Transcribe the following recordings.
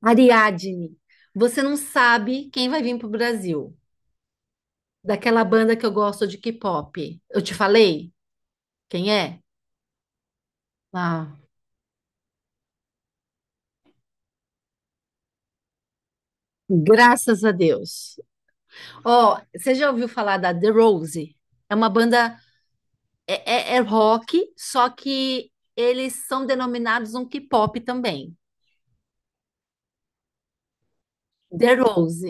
Ariadne, você não sabe quem vai vir pro Brasil. Daquela banda que eu gosto de K-pop. Eu te falei quem é? Ah, graças a Deus. Ó, você já ouviu falar da The Rose? É uma banda, é rock, só que eles são denominados um K-pop também. The Rose,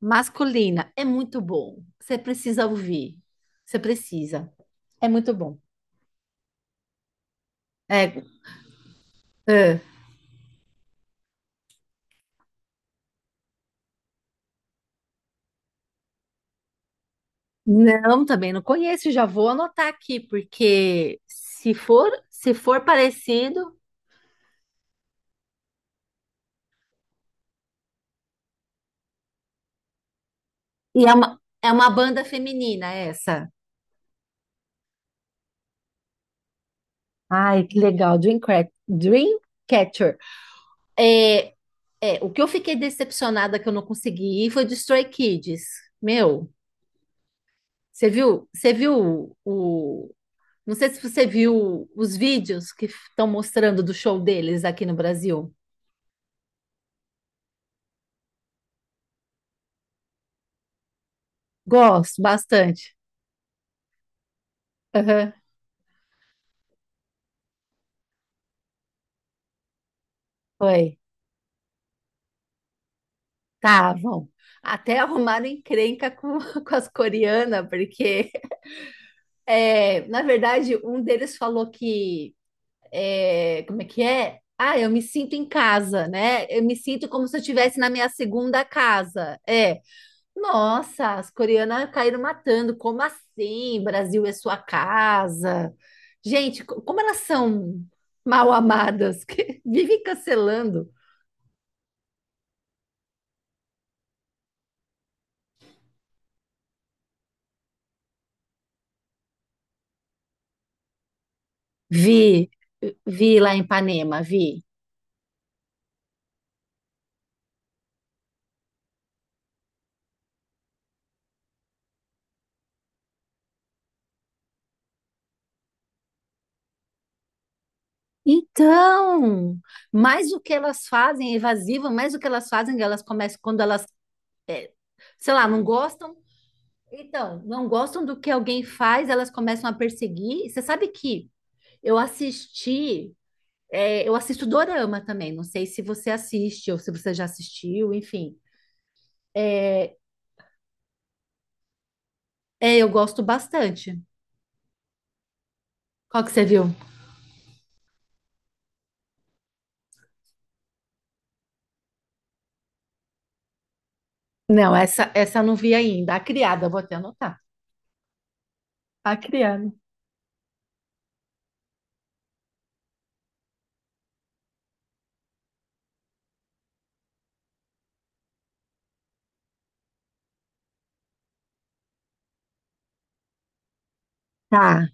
masculina, é muito bom. Você precisa ouvir. Você precisa. É muito bom. É, é. Não, também não conheço, já vou anotar aqui, porque se for parecido, e é uma banda feminina essa. Ai, que legal, Dreamcatcher. É, é, o que eu fiquei decepcionada que eu não consegui ir foi de Stray Kids. Meu, você viu, você viu o, não sei se você viu os vídeos que estão mostrando do show deles aqui no Brasil. Gosto bastante. Aham, foi. Estavam. Até arrumaram encrenca com, com as coreanas, porque, na verdade, um deles falou que. Como é que é? Ah, eu me sinto em casa, né? Eu me sinto como se eu estivesse na minha segunda casa. É. Nossa, as coreanas caíram matando. Como assim? Brasil é sua casa. Gente, como elas são mal amadas, que vivem cancelando. Vi, vi lá em Ipanema, vi. Então, mais o que elas fazem, é evasiva, mais o que elas fazem, elas começam quando elas, sei lá, não gostam. Então, não gostam do que alguém faz, elas começam a perseguir. Você sabe que eu assisti, eu assisto Dorama também. Não sei se você assiste ou se você já assistiu, enfim. É, é, eu gosto bastante. Qual que você viu? Não, essa eu não vi ainda. A Criada, eu vou até anotar. A criada. Tá.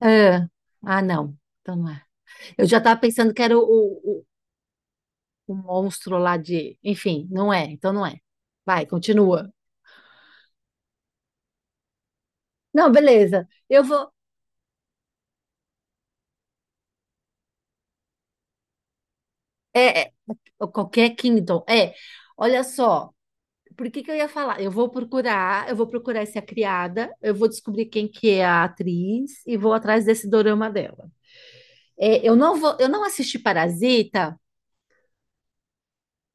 Ah, ah, não. Então não é. Eu já estava pensando que era o monstro lá de. Enfim, não é, então não é. Vai, continua. Não, beleza. Eu vou. É, qualquer Kingdom. É, olha só. Por que que eu ia falar? Eu vou procurar essa criada, eu vou descobrir quem que é a atriz e vou atrás desse dorama dela. Eu não assisti Parasita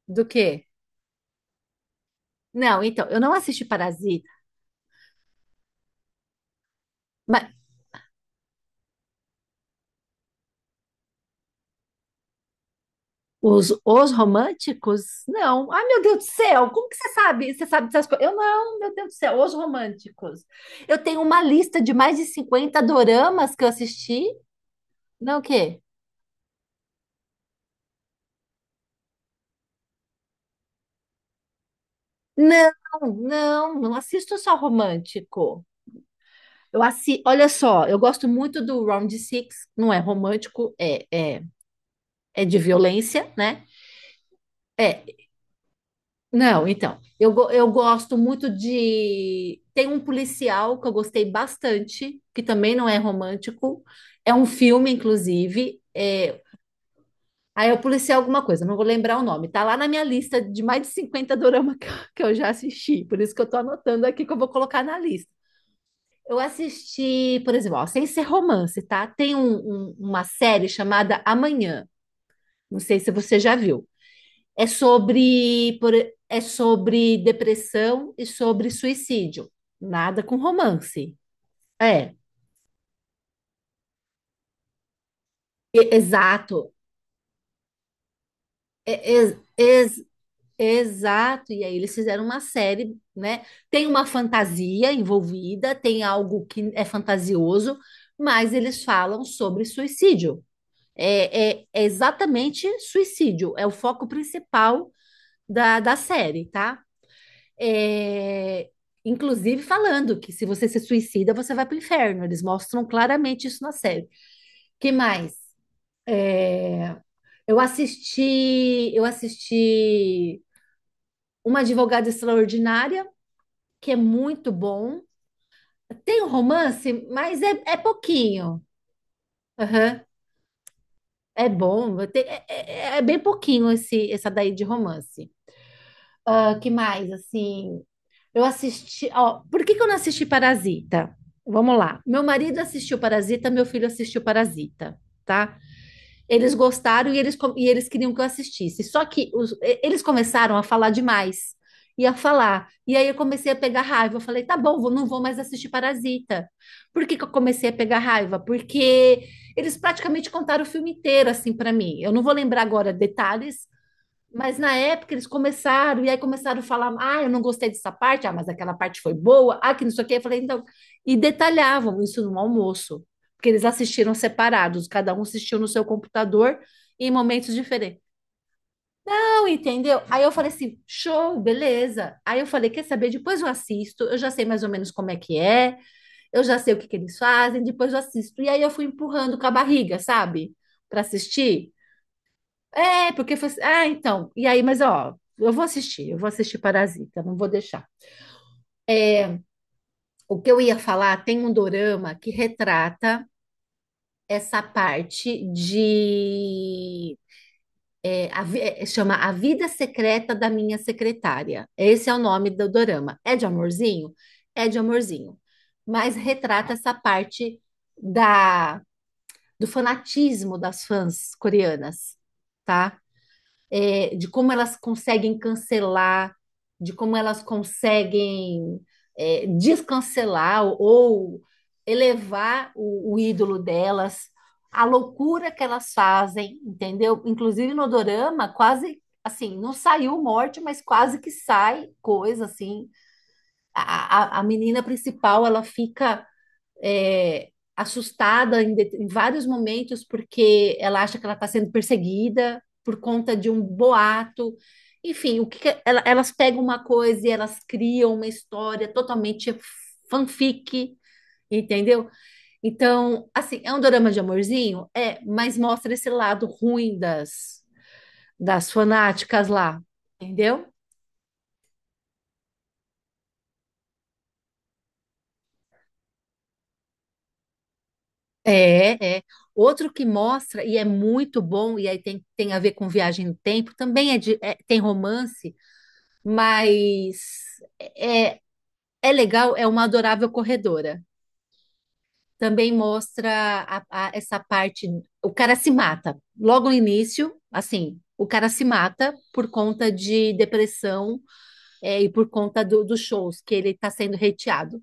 do quê? Não, então, eu não assisti Parasita. Os românticos? Não. Ai, meu Deus do céu, como que você sabe? Você sabe dessas coisas? Eu não, meu Deus do céu, os românticos. Eu tenho uma lista de mais de 50 doramas que eu assisti. Não, o quê? Não, não assisto só romântico. Eu assi... Olha só, eu gosto muito do Round Six, não é romântico, é é de violência, né? É, Não, então, eu gosto muito de. Tem um policial que eu gostei bastante, que também não é romântico, é um filme, inclusive. Ah, é o policial alguma coisa, não vou lembrar o nome. Tá lá na minha lista de mais de 50 dorama que eu já assisti, por isso que eu tô anotando aqui que eu vou colocar na lista. Eu assisti, por exemplo, ó, sem ser romance, tá? Tem uma série chamada Amanhã, não sei se você já viu. É sobre, por- é sobre depressão e sobre suicídio. Nada com romance. É, exato. É- ex- ex- exato. E aí eles fizeram uma série, né? Tem uma fantasia envolvida, tem algo que é fantasioso, mas eles falam sobre suicídio. É exatamente suicídio. É o foco principal da série, tá? é, Inclusive falando que se você se suicida, você vai para o inferno. Eles mostram claramente isso na série. Que mais? É, eu assisti Uma Advogada Extraordinária, que é muito bom. Tem um romance, mas é pouquinho. Aham. É bom, é bem pouquinho esse, essa daí de romance. Ah, que mais? Assim, eu assisti. Ó, por que que eu não assisti Parasita? Vamos lá. Meu marido assistiu Parasita, meu filho assistiu Parasita, tá? Eles gostaram e e eles queriam que eu assistisse. Só que eles começaram a falar demais. E a falar. E aí eu comecei a pegar raiva. Eu falei, tá bom, não vou mais assistir Parasita. Por que que eu comecei a pegar raiva? Porque eles praticamente contaram o filme inteiro, assim, para mim. Eu não vou lembrar agora detalhes, mas na época eles começaram, e aí começaram a falar: ah, eu não gostei dessa parte, ah, mas aquela parte foi boa, ah, que não sei o quê. Eu falei, então. E detalhavam isso no almoço, porque eles assistiram separados, cada um assistiu no seu computador em momentos diferentes. Não, entendeu? Aí eu falei assim: show, beleza. Aí eu falei: quer saber? Depois eu assisto, eu já sei mais ou menos como é que é, eu já sei o que que eles fazem, depois eu assisto. E aí eu fui empurrando com a barriga, sabe? Para assistir. É, porque foi assim, ah, então, e aí, mas ó, eu vou assistir Parasita, não vou deixar. O que eu ia falar, tem um dorama que retrata essa parte de chama A Vida Secreta da Minha Secretária. Esse é o nome do dorama. É de amorzinho? É de amorzinho. Mas retrata essa parte da do fanatismo das fãs coreanas, tá? De como elas conseguem cancelar, de como elas conseguem descancelar ou elevar o ídolo delas, a loucura que elas fazem, entendeu? Inclusive no dorama, quase assim, não saiu morte, mas quase que sai coisa assim. A menina principal, ela fica é, assustada em, em vários momentos porque ela acha que ela está sendo perseguida por conta de um boato. Enfim, o que que é, elas pegam uma coisa e elas criam uma história totalmente fanfic, entendeu? Então, assim, é um dorama de amorzinho? É, mas mostra esse lado ruim das, fanáticas lá, entendeu? É. Outro que mostra, e é muito bom, e aí tem, tem a ver com viagem no tempo, também tem romance, mas é legal, é uma adorável corredora. Também mostra essa parte, o cara se mata. Logo no início, assim, o cara se mata por conta de depressão, e por conta dos shows que ele está sendo hateado.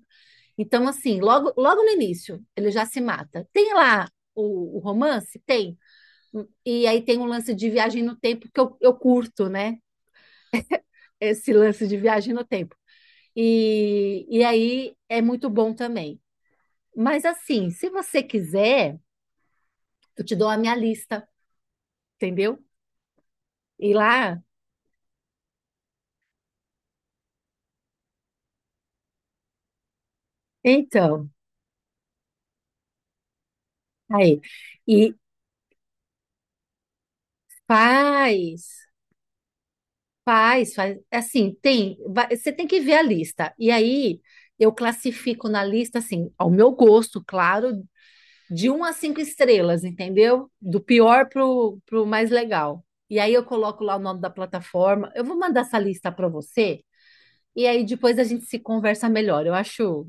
Então, assim, logo, logo no início, ele já se mata. Tem lá o romance? Tem. E aí tem um lance de viagem no tempo que eu curto, né? Esse lance de viagem no tempo. E aí é muito bom também. Mas assim, se você quiser, eu te dou a minha lista, entendeu? E lá, então, aí. E faz, faz, faz. Assim, tem, você tem que ver a lista. E aí eu classifico na lista, assim, ao meu gosto, claro, de um a cinco estrelas, entendeu? Do pior pro mais legal. E aí eu coloco lá o nome da plataforma. Eu vou mandar essa lista para você e aí depois a gente se conversa melhor.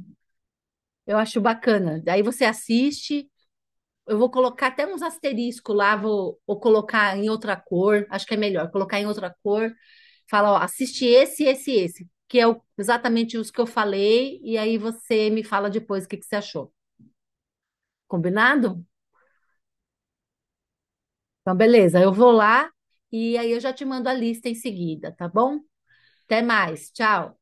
Eu acho bacana. Daí você assiste. Eu vou colocar até uns asteriscos lá, vou colocar em outra cor. Acho que é melhor colocar em outra cor. Fala, ó, assiste esse, esse, esse, que é exatamente os que eu falei. E aí você me fala depois o que que você achou. Combinado? Então, beleza, eu vou lá e aí eu já te mando a lista em seguida, tá bom? Até mais, tchau.